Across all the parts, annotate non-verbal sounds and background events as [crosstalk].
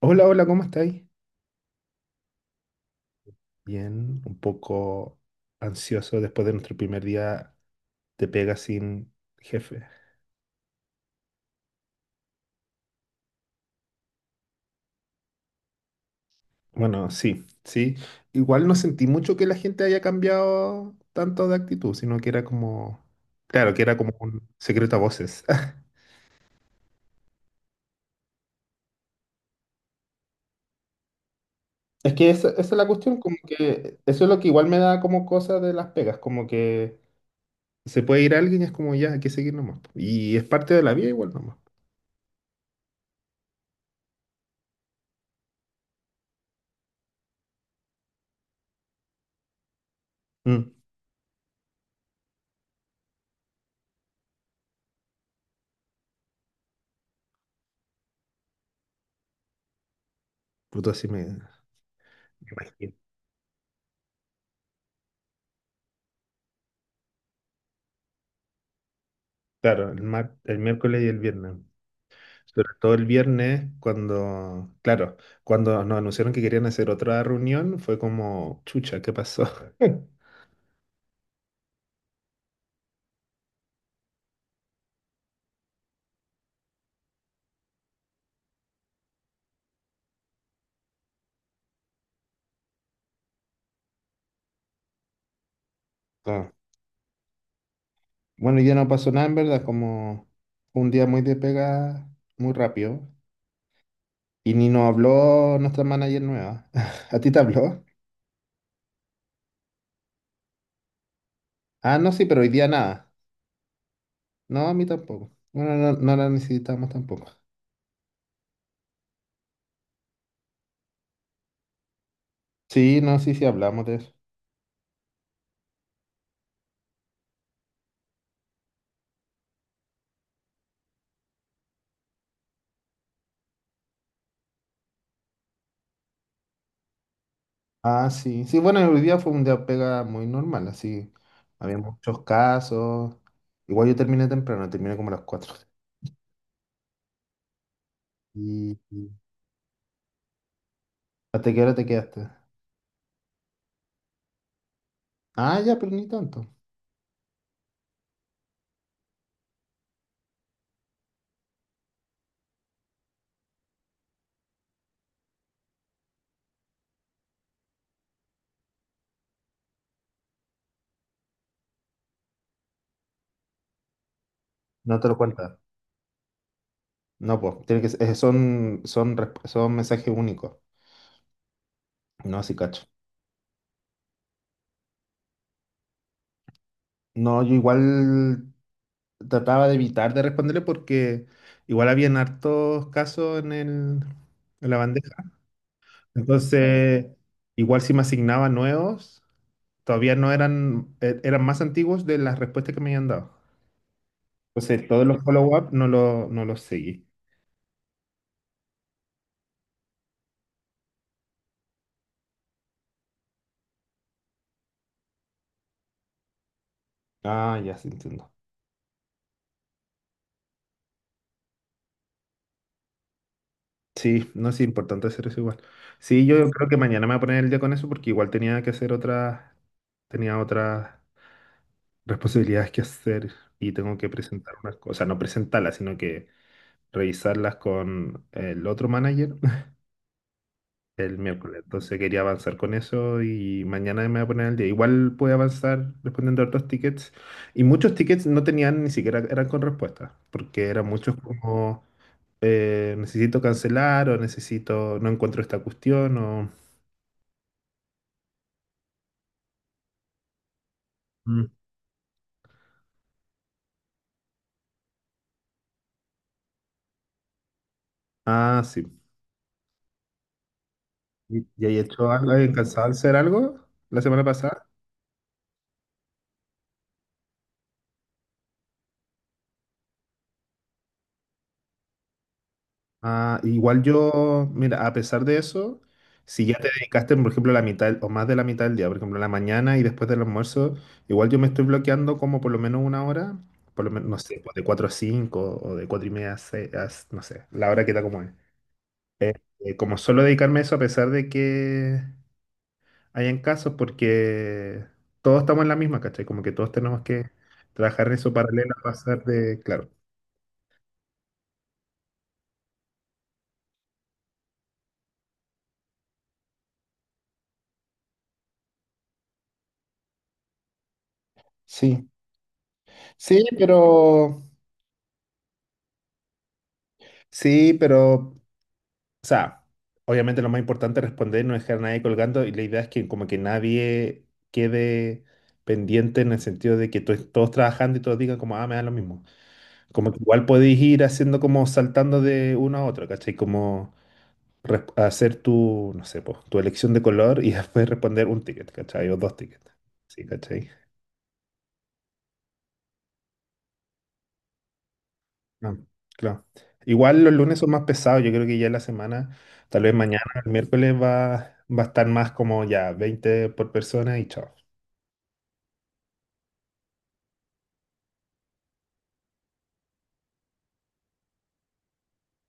Hola, hola, ¿cómo estáis? Bien, un poco ansioso después de nuestro primer día de pega sin jefe. Bueno, sí, sí. Igual no sentí mucho que la gente haya cambiado tanto de actitud, sino que era como, claro, que era como un secreto a voces. [laughs] Es que esa es la cuestión, como que eso es lo que igual me da como cosa de las pegas, como que se puede ir alguien y es como ya, hay que seguir nomás. Y es parte de la vida igual nomás. Mm, puto, así me imagino. Claro, el miércoles y el viernes. Sobre todo el viernes, cuando, claro, cuando nos anunciaron que querían hacer otra reunión, fue como, chucha, ¿qué pasó? [laughs] Claro. Bueno, ya no pasó nada, en verdad, como fue un día muy de pega, muy rápido. Y ni nos habló nuestra manager nueva. [laughs] ¿A ti te habló? Ah, no, sí, pero hoy día nada. No, a mí tampoco. Bueno, no, no la necesitamos tampoco. Sí, no, sí, sí, hablamos de eso. Ah, sí. Sí, bueno, hoy día fue un día pega muy normal, así. Había muchos casos. Igual yo terminé temprano, terminé como a las cuatro. ¿Y hasta qué hora te quedaste? Ah, ya, pero ni tanto. No te lo cuentas. No, pues, tiene que son mensajes únicos. No, sí, cacho. No, yo igual trataba de evitar de responderle porque igual habían hartos casos en en la bandeja. Entonces, igual si me asignaban nuevos todavía no eran más antiguos de las respuestas que me habían dado. Entonces, todos los follow-up no los seguí. Ah, ya, sí entiendo. Sí, no es importante hacer eso igual. Sí, yo creo que mañana me voy a poner el día con eso porque igual tenía que hacer tenía otras responsabilidades que hacer y tengo que presentar unas cosas, no presentarlas, sino que revisarlas con el otro manager el miércoles. Entonces quería avanzar con eso y mañana me voy a poner al día. Igual pude avanzar respondiendo a otros tickets. Y muchos tickets no tenían ni siquiera, eran con respuesta porque eran muchos como necesito cancelar o necesito, no encuentro esta cuestión o... Mm. Ah, sí. Y ahí hecho algo? ¿Alcanzado a hacer algo la semana pasada? Ah, igual yo, mira, a pesar de eso, si ya te dedicaste, por ejemplo, la mitad o más de la mitad del día, por ejemplo, en la mañana y después del almuerzo, igual yo me estoy bloqueando como por lo menos una hora, por lo menos, no sé, pues, de 4 a 5 o de 4 y media a 6, no sé, la hora que está como es. Eh, como solo dedicarme a eso a pesar de que hayan casos, porque todos estamos en la misma, ¿cachai? Como que todos tenemos que trabajar en eso paralelo a pasar de, claro. Sí, sí, pero... Sí, pero o sea, obviamente lo más importante es responder, no dejar a nadie colgando y la idea es que como que nadie quede pendiente en el sentido de que todos trabajando y todos digan como, ah, me da lo mismo. Como que igual podéis ir haciendo como saltando de uno a otro, ¿cachai? Como hacer tu, no sé, pues, tu elección de color y [laughs] después responder un ticket, ¿cachai? O dos tickets. Sí, ¿cachai? Ah, claro. Igual los lunes son más pesados, yo creo que ya la semana... Tal vez mañana, el miércoles, va a estar más como ya 20 por persona y chao.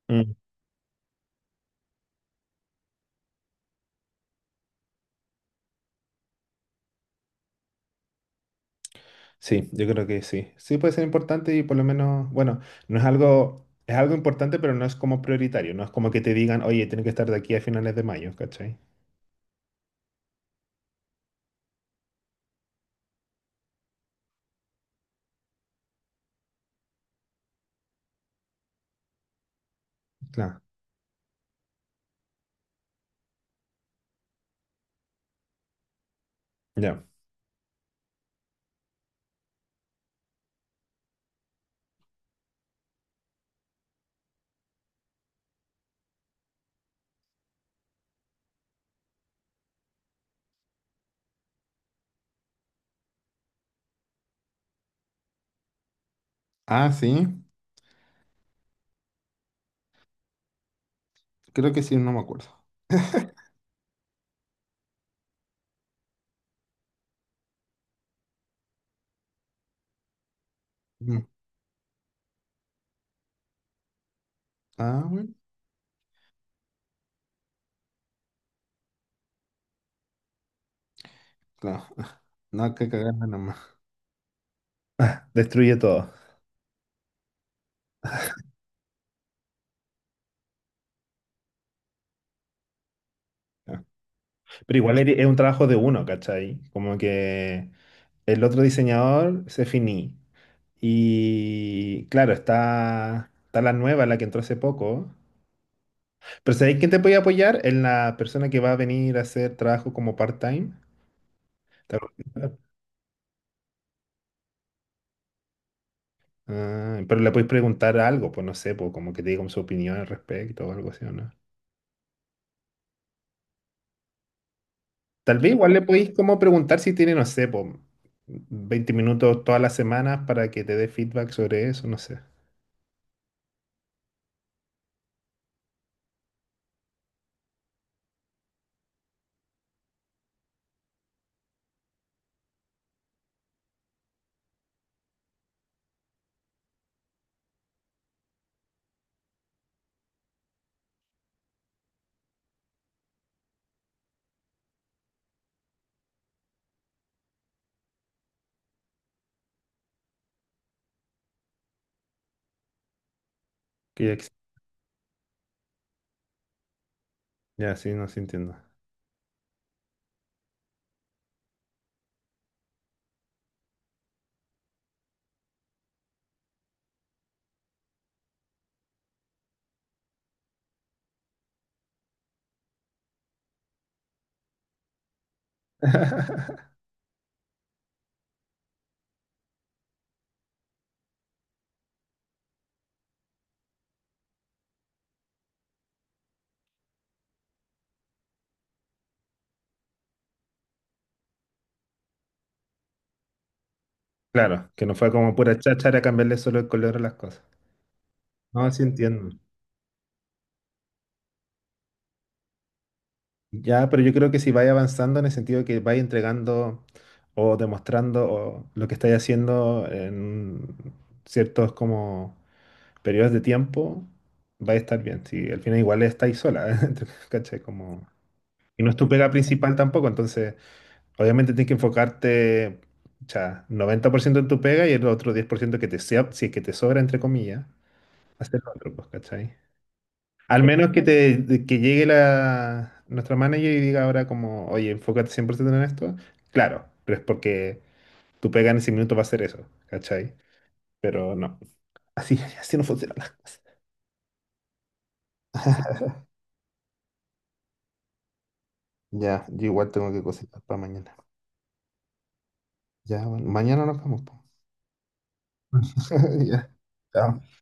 Mm, sí, yo creo que sí. Sí puede ser importante y por lo menos, bueno, no es algo, es algo importante, pero no es como prioritario. No es como que te digan, oye, tiene que estar de aquí a finales de mayo, ¿cachai? Claro. Ya. Ah, sí. Creo que sí, no me acuerdo. Mm. Ah, bueno. Claro. [laughs] No hay que cagarla nomás. Destruye todo. Ya. Pero igual es un trabajo de uno, ¿cachai? Como que el otro diseñador se finí. Y claro, está la nueva, la que entró hace poco. Pero ¿sabéis quién te puede apoyar? Es la persona que va a venir a hacer trabajo como part-time. ¿Te acuerdas? Ah, pero le podéis preguntar algo, pues no sé, pues como que te diga como su opinión al respecto o algo así, ¿o no? Tal vez igual le podéis como preguntar si tiene, no sé, pues 20 minutos todas las semanas para que te dé feedback sobre eso, no sé. Que ya, ex- ya, sí, no, sí entiendo. [laughs] Claro, que no fue como pura cháchara cambiarle solo el color a las cosas. No, sí entiendo. Ya, pero yo creo que si vais avanzando en el sentido de que vais entregando o demostrando o lo que estáis haciendo en ciertos como periodos de tiempo, va a estar bien. Si al final igual estáis sola, [laughs] ¿cachai? Como... Y no es tu pega principal tampoco, entonces obviamente tienes que enfocarte, ya, 90% en tu pega y el otro 10% que te sea, si es que te sobra, entre comillas, hacer lo otro, pues, ¿cachai? Al menos que te que llegue la nuestra manager y diga ahora como, oye, enfócate 100% en esto. Claro, pero es porque tu pega en ese minuto va a ser eso, ¿cachai? Pero no. Así, [laughs] así no funcionan las cosas. [laughs] Ya, yo igual tengo que cocinar para mañana. Ya, bueno, mañana nos vemos. Po. [laughs] Ya. Chao.